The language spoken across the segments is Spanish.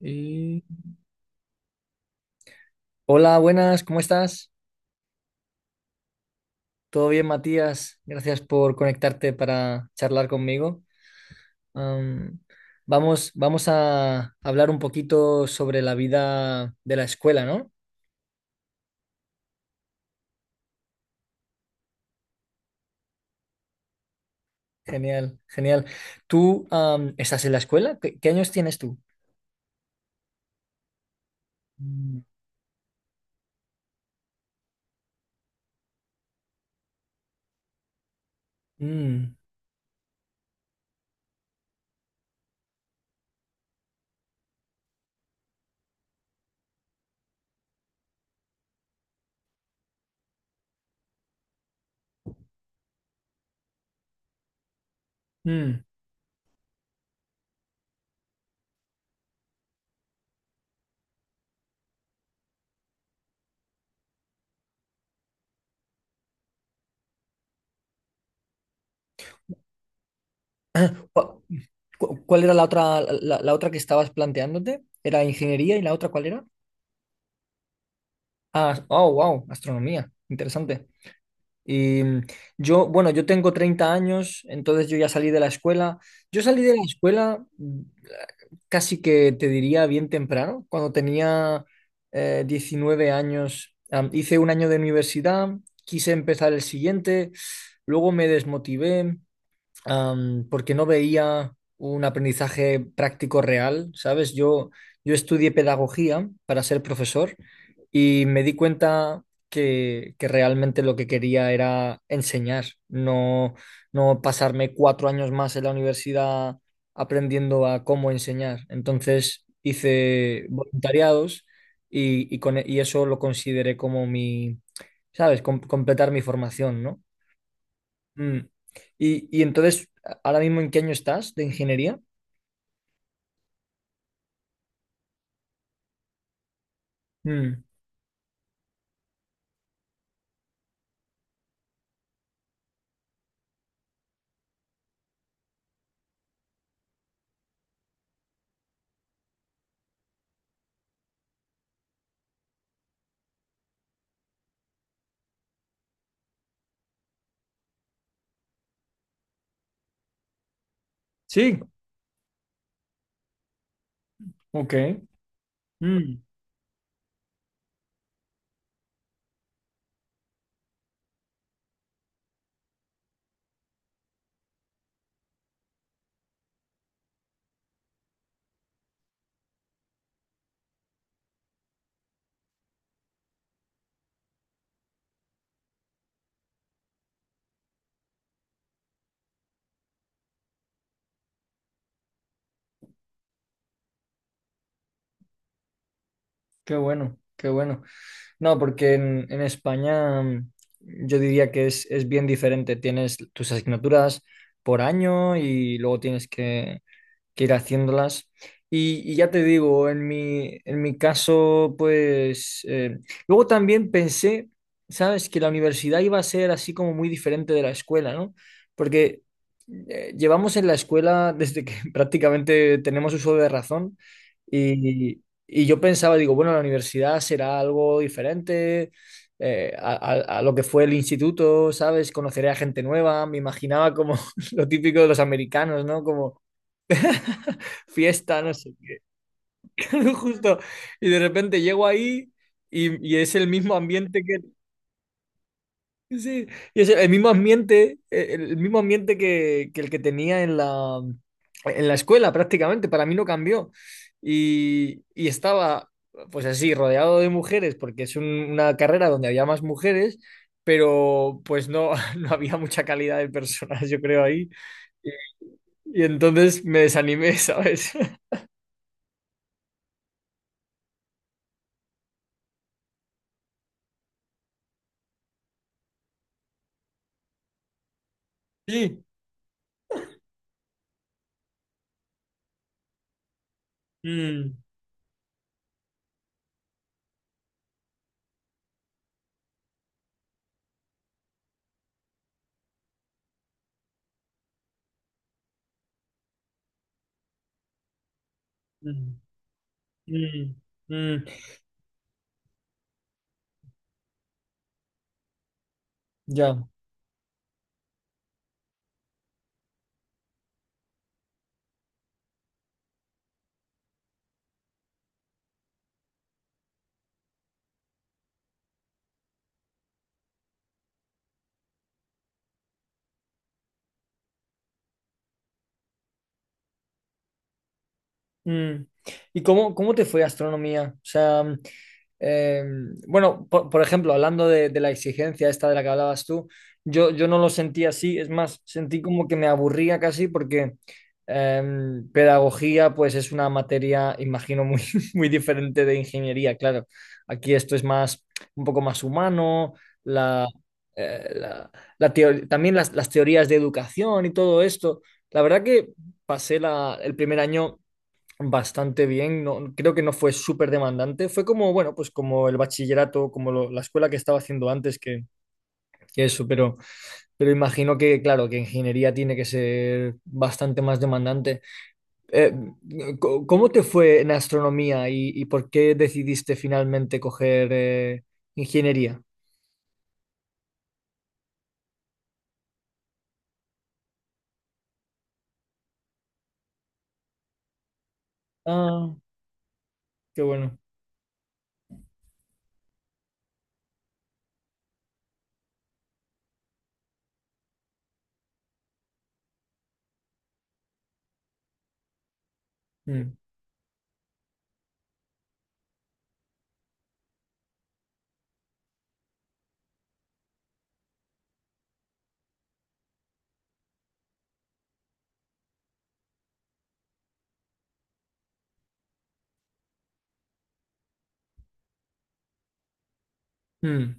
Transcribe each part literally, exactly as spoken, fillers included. Y- Hola, buenas, ¿cómo estás? ¿Todo bien, Matías? Gracias por conectarte para charlar conmigo. Am, vamos, vamos a hablar un poquito sobre la vida de la escuela, ¿no? Genial, genial. ¿Tú am, estás en la escuela? ¿Qué, qué años tienes tú? Mm, mm, mm. Ah, ¿Cu- cu- ¿Cuál era la otra, la, la otra que estabas planteándote? ¿Era ingeniería y la otra cuál era? Ah, oh, wow, astronomía. Interesante. Y mm, yo, bueno, yo tengo treinta años, entonces yo ya salí de la escuela. Yo salí de la escuela mm, casi que te diría bien temprano, cuando tenía eh, diecinueve años. Am, hice un año de universidad, quise empezar el siguiente, luego me desmotivé, am, porque no veía un aprendizaje práctico real, ¿sabes? Yo, yo estudié pedagogía para ser profesor y me di cuenta que, que realmente lo que quería era enseñar, no, no pasarme cuatro años más en la universidad aprendiendo a cómo enseñar. Entonces hice voluntariados y, y con- y eso lo consideré como mi, ¿sabes? Com- completar mi formación, ¿no? Mm. Y, y entonces, ¿ahora mismo en qué año estás de ingeniería? Mm. Sí, ok. Mm. Qué bueno, qué bueno. No, porque en, en España mm, yo diría que es, es bien diferente. Tienes tus asignaturas por año y luego tienes que, que ir haciéndolas. Y, y ya te digo, en mi, en mi caso, pues... eh, luego también pensé, ¿sabes? Que la universidad iba a ser así como muy diferente de la escuela, ¿no? Porque eh, llevamos en la escuela desde que prácticamente tenemos uso de razón y, y yo pensaba, digo, bueno, la universidad será algo diferente eh, a, a- a lo que fue el instituto, ¿sabes? Conoceré a gente nueva, me imaginaba como lo típico de los americanos, ¿no? Como fiesta, no sé qué. Justo. Y de repente llego ahí y, y es el mismo ambiente que. Sí, y es el mismo ambiente, el el mismo ambiente que, que el que tenía en la, en la escuela prácticamente, para mí no cambió. Y, y estaba, pues así, rodeado de mujeres, porque es un- una carrera donde había más mujeres, pero pues no, no había mucha calidad de personas, yo creo, ahí. Y entonces me desanimé, ¿sabes? Sí. Mm. Mm, mm, mm, ya. Mm. ¿Y cómo, cómo te fue astronomía? O sea, mm, eh, bueno, por, por ejemplo, hablando de, de la exigencia esta de la que hablabas tú, yo, yo no lo sentí así, es más, sentí como que me aburría casi porque eh, pedagogía pues es una materia, imagino, muy, muy diferente de ingeniería, claro. Aquí esto es más, un poco más humano, la, eh, la- la teo- también las, las teorías de educación y todo esto. La verdad que pasé la- el primer año bastante bien. No, creo que no fue súper demandante. Fue como, bueno, pues como el bachillerato, como lo- la escuela que estaba haciendo antes, que, que eso, pero, pero imagino que, claro, que ingeniería tiene que ser bastante más demandante. Eh, co- ¿Cómo te fue en astronomía y, y por qué decidiste finalmente coger eh, ingeniería? Ah, qué bueno. Mm, mm,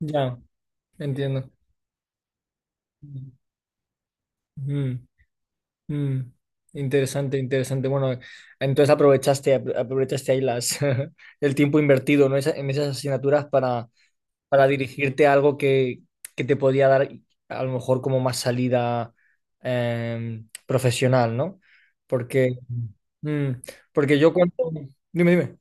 ya, entiendo. Mm, mm, interesante, interesante. Bueno, entonces aprovechaste, apro- aprovechaste ahí las, el tiempo invertido, ¿no? Esa- en esas asignaturas para, para dirigirte a algo que, que te podía dar a lo mejor como más salida eh, profesional, ¿no? Porque, mm, porque yo cuento... Dime, dime.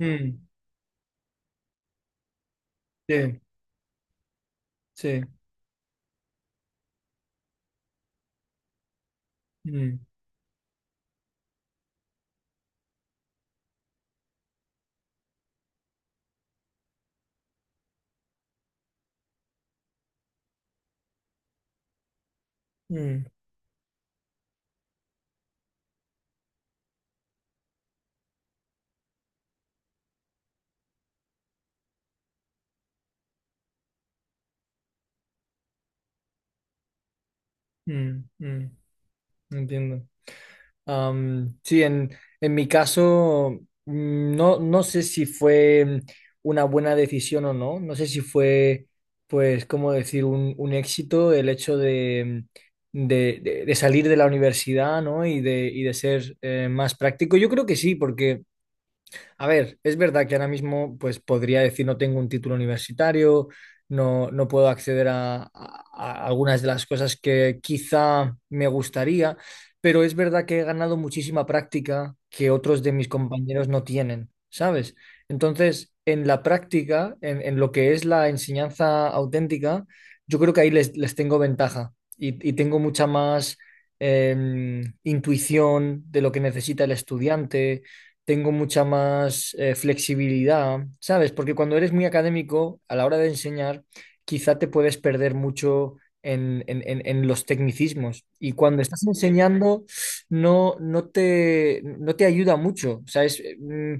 Mm, sí, sí. Mm, mm, mm, mm, entiendo. Am, sí, en, en mi caso, mm, no, no sé si fue una buena decisión o no, no sé si fue, pues, cómo decir, un, un éxito el hecho de, de, de- de salir de la universidad, ¿no? Y de, y de ser eh, más práctico. Yo creo que sí, porque a ver, es verdad que ahora mismo pues podría decir no tengo un título universitario, no, no puedo acceder a, a- a algunas de las cosas que quizá me gustaría, pero es verdad que he ganado muchísima práctica que otros de mis compañeros no tienen, ¿sabes? Entonces, en la práctica, en, en lo que es la enseñanza auténtica, yo creo que ahí les, les tengo ventaja y, y tengo mucha más em, intuición de lo que necesita el estudiante tengo mucha más eh, flexibilidad, ¿sabes? Porque cuando eres muy académico, a la hora de enseñar, quizá te puedes perder mucho en, en- en- en los tecnicismos. Y cuando estás enseñando, no, no te, no te ayuda mucho. O sea, es, mm,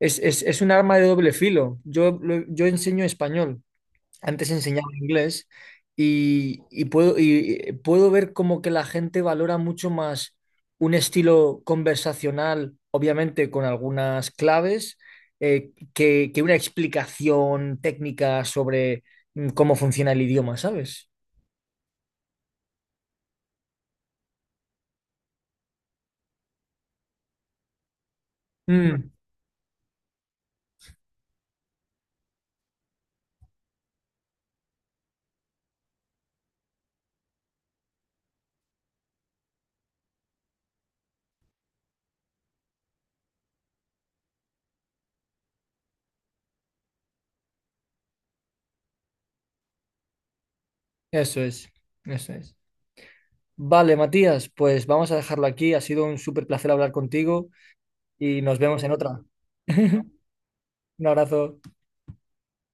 es, es- es un arma de doble filo. Yo, lo- yo enseño español. Antes enseñaba inglés y, y puedo, y y puedo ver como que la gente valora mucho más un estilo conversacional, obviamente con algunas claves, eh, que, que una explicación técnica sobre mm, cómo funciona el idioma, ¿sabes? Mm, eso es, eso es. Vale, Matías, pues vamos a dejarlo aquí. Ha sido un súper placer hablar contigo y nos vemos en otra. Un abrazo.